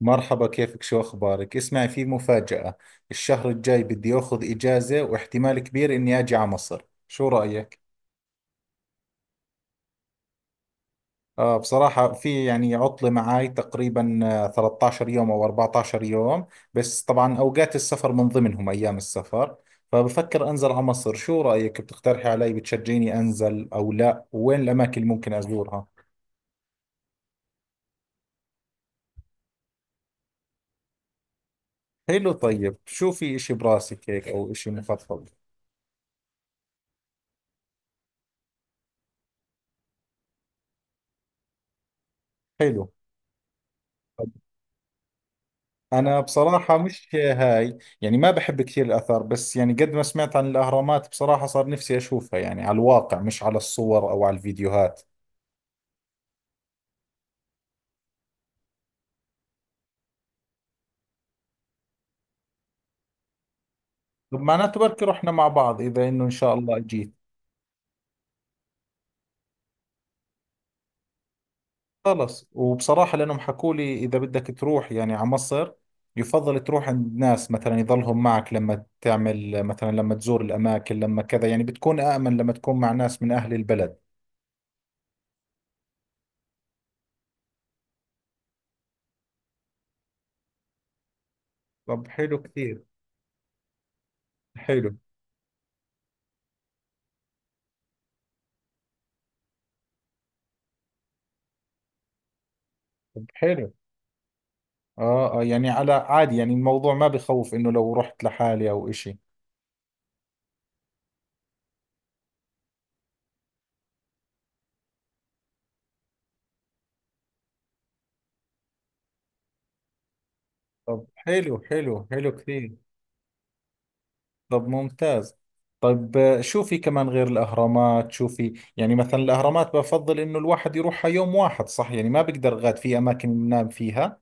مرحبا، كيفك؟ شو أخبارك؟ اسمعي، في مفاجأة. الشهر الجاي بدي أخذ إجازة واحتمال كبير إني أجي على مصر. شو رأيك؟ آه، بصراحة في يعني عطلة معاي تقريبا 13 يوم أو 14 يوم. بس طبعا أوقات السفر من ضمنهم أيام السفر، فبفكر أنزل على مصر. شو رأيك؟ بتقترحي علي؟ بتشجعيني أنزل أو لا؟ وين الأماكن اللي ممكن أزورها؟ حلو، طيب شو في إشي براسك هيك أو إشي مفضل؟ حلو. أنا بصراحة مش هاي، يعني ما بحب كثير الآثار، بس يعني قد ما سمعت عن الأهرامات بصراحة صار نفسي أشوفها، يعني على الواقع مش على الصور أو على الفيديوهات. طب معناته بركي رحنا مع بعض إذا إنه إن شاء الله جيت. خلص، وبصراحة لأنهم حكوا لي إذا بدك تروح يعني على مصر يفضل تروح عند ناس، مثلا يظلهم معك لما تعمل، مثلا لما تزور الأماكن، لما كذا، يعني بتكون آمن لما تكون مع ناس من أهل البلد. طب حلو كثير. حلو. طب حلو. اه، اه، يعني على عادي، يعني الموضوع ما بخوف انه لو رحت لحالي او اشي. طب حلو، حلو، حلو كثير. طب ممتاز. طيب، شو في كمان غير الاهرامات؟ شو في يعني مثلا؟ الاهرامات بفضل انه الواحد يروحها يوم واحد، صح؟ يعني ما بقدر غاد في اماكن ينام فيها؟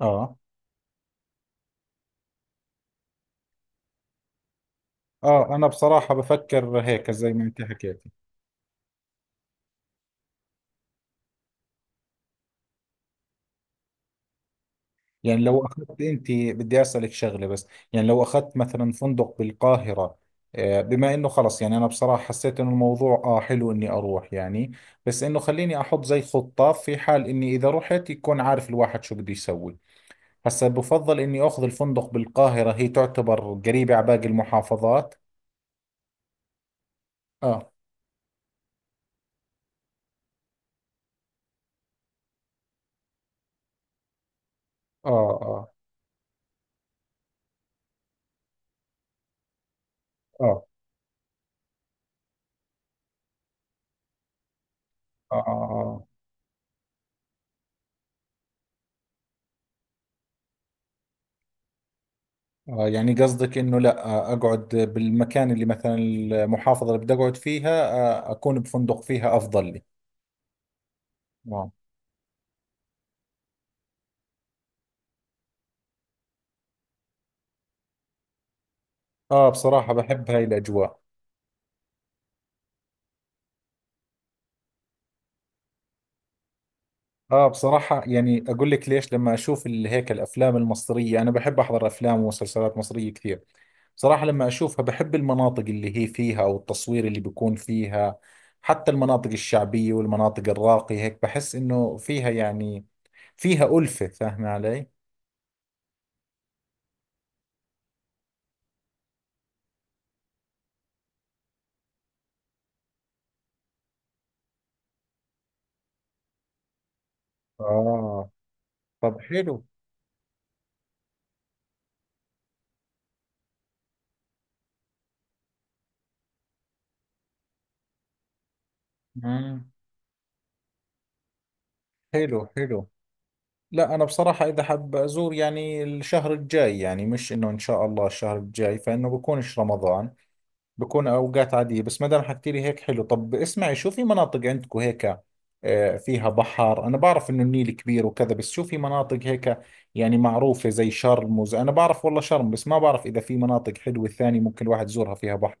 اه، اه، انا بصراحة بفكر هيك زي ما انت حكيت. يعني لو اخذت، انت بدي اسالك شغله بس: يعني لو اخذت مثلا فندق بالقاهره، بما انه خلص يعني انا بصراحه حسيت انه الموضوع حلو اني اروح يعني. بس انه خليني احط زي خطه في حال اني اذا رحت يكون عارف الواحد شو بده يسوي. هسا بفضل اني اخذ الفندق بالقاهره، هي تعتبر قريبه على باقي المحافظات. اه، اه، اه، اه، اه، آه. آه. يعني قصدك انه لا، اقعد بالمكان اللي مثلا المحافظة اللي بدي اقعد فيها، اكون بفندق فيها افضل لي. آه. آه، بصراحة بحب هاي الأجواء. آه، بصراحة يعني أقول لك ليش: لما أشوف هيك الأفلام المصرية، أنا بحب أحضر أفلام ومسلسلات مصرية كثير. بصراحة لما أشوفها بحب المناطق اللي هي فيها أو التصوير اللي بيكون فيها، حتى المناطق الشعبية والمناطق الراقية، هيك بحس إنه فيها يعني، فيها ألفة. فاهمة علي؟ آه. طب حلو. مم. حلو، حلو. لا أنا بصراحة إذا حاب أزور يعني الشهر الجاي، يعني مش إنه إن شاء الله الشهر الجاي فإنه بكونش رمضان، بكون أوقات عادية. بس ما دام حكيت لي هيك حلو. طب اسمعي، شو في مناطق عندكم هيك فيها بحر؟ أنا بعرف إنه النيل كبير وكذا، بس شو في مناطق هيك يعني معروفة زي شرم أنا بعرف والله شرم، بس ما بعرف إذا في مناطق حلوة ثانية ممكن الواحد يزورها فيها بحر.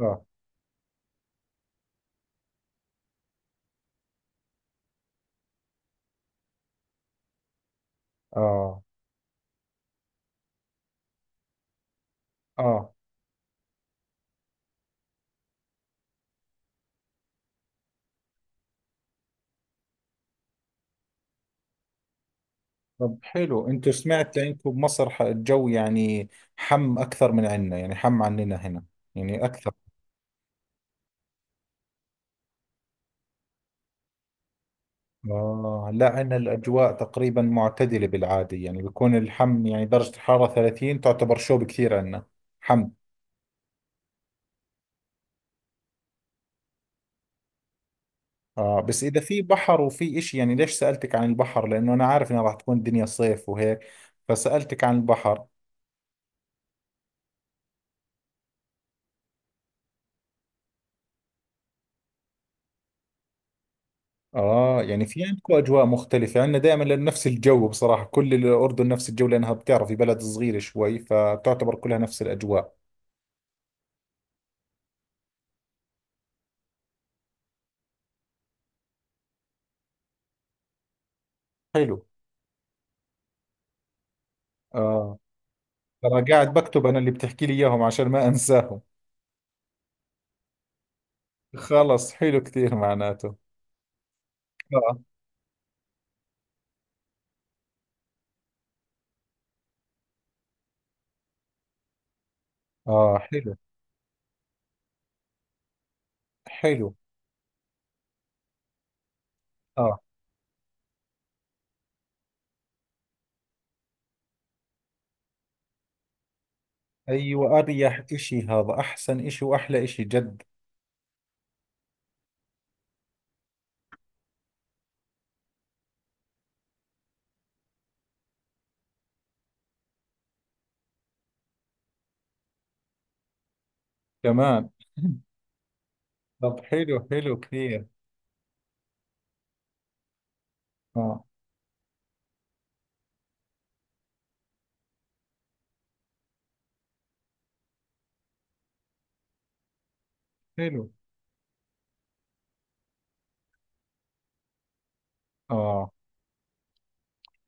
آه. آه. آه. طب حلو. انتوا، سمعت انتوا بمصر الجو يعني اكثر من عندنا، يعني عننا هنا يعني اكثر؟ اه لا، عندنا الاجواء تقريبا معتدله بالعاده، يعني بيكون يعني درجه الحراره 30 تعتبر شوب كثير عندنا. حم اه، بس اذا في بحر وفي اشي. يعني ليش سالتك عن البحر؟ لانه انا عارف انها راح تكون الدنيا صيف وهيك، فسالتك عن البحر. آه، يعني في عندكم أجواء مختلفة. عندنا دائما لأنه نفس الجو، بصراحة كل الأردن نفس الجو، لأنها بتعرفي بلد صغيرة شوي، فبتعتبر كلها نفس الأجواء. حلو. آه. ترى قاعد بكتب أنا اللي بتحكي لي إياهم عشان ما أنساهم. خلص حلو كثير معناته. آه. آه. حلو، حلو. آه. أيوة، أريح إشي هذا، أحسن إشي وأحلى إشي جد. كمان. طب حلو، حلو كثير. آه. حلو. آه.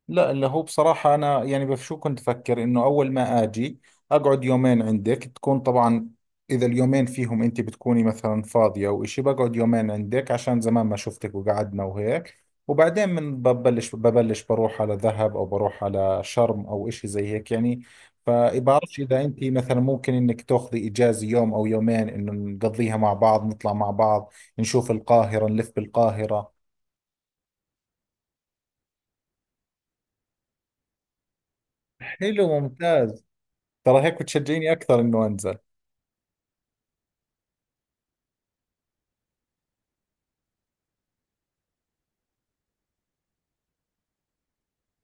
لا اللي هو بصراحة أنا يعني بشو كنت أفكر: إنه أول ما أجي أقعد يومين عندك، تكون طبعا إذا اليومين فيهم أنت بتكوني مثلا فاضية أو إشي، بقعد يومين عندك عشان زمان ما شفتك، وقعدنا وهيك. وبعدين من ببلش بروح على ذهب أو بروح على شرم أو إشي زي هيك يعني. فبعرفش إذا أنت مثلا ممكن إنك تاخذي إجازة يوم أو يومين إنه نقضيها مع بعض، نطلع مع بعض، نشوف القاهرة، نلف بالقاهرة. حلو ممتاز. ترى هيك بتشجعيني أكثر إنه أنزل.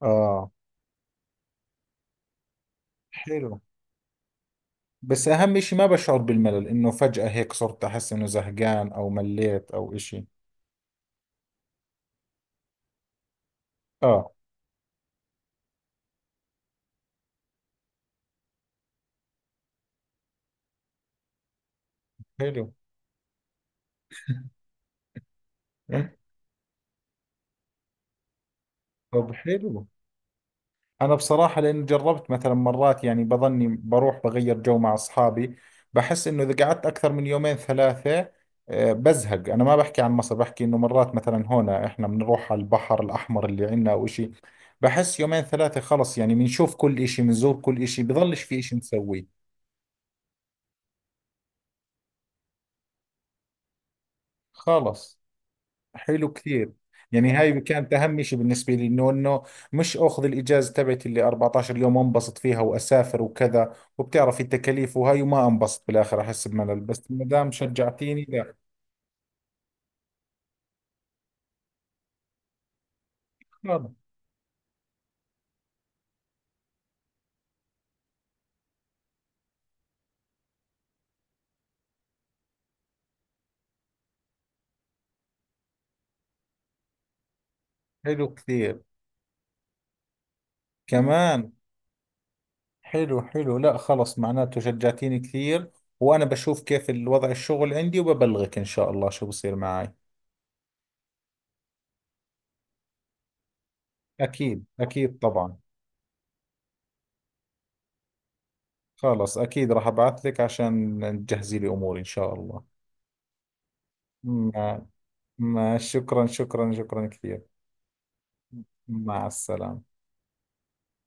اه حلو. بس اهم اشي ما بشعر بالملل، انه فجأة هيك صرت احس انه زهقان او مليت او اشي. اه حلو. طب حلو. انا بصراحة لان جربت مثلا مرات، يعني بظني بروح بغير جو مع اصحابي بحس انه اذا قعدت اكثر من يومين ثلاثة بزهق. انا ما بحكي عن مصر، بحكي انه مرات مثلا هنا احنا بنروح على البحر الاحمر اللي عندنا او اشي، بحس يومين ثلاثة خلص يعني، بنشوف كل اشي، بنزور كل اشي، بضلش في اشي نسويه. خلص حلو كثير. يعني هاي كانت اهم شيء بالنسبه لي: انه مش اخذ الاجازه تبعتي اللي 14 يوم وانبسط فيها واسافر وكذا، وبتعرف التكاليف وهاي، وما انبسط بالاخر احس بملل. بس ما دام شجعتيني لا. خلص حلو كثير. كمان. حلو، حلو. لا خلص معناته شجعتيني كثير. وانا بشوف كيف الوضع الشغل عندي وببلغك ان شاء الله شو بصير معي. اكيد، اكيد، طبعا. خلص اكيد راح ابعث لك عشان تجهزي لي اموري ان شاء الله. مع. ما شكرا، شكرا، شكرا كثير. مع السلامة.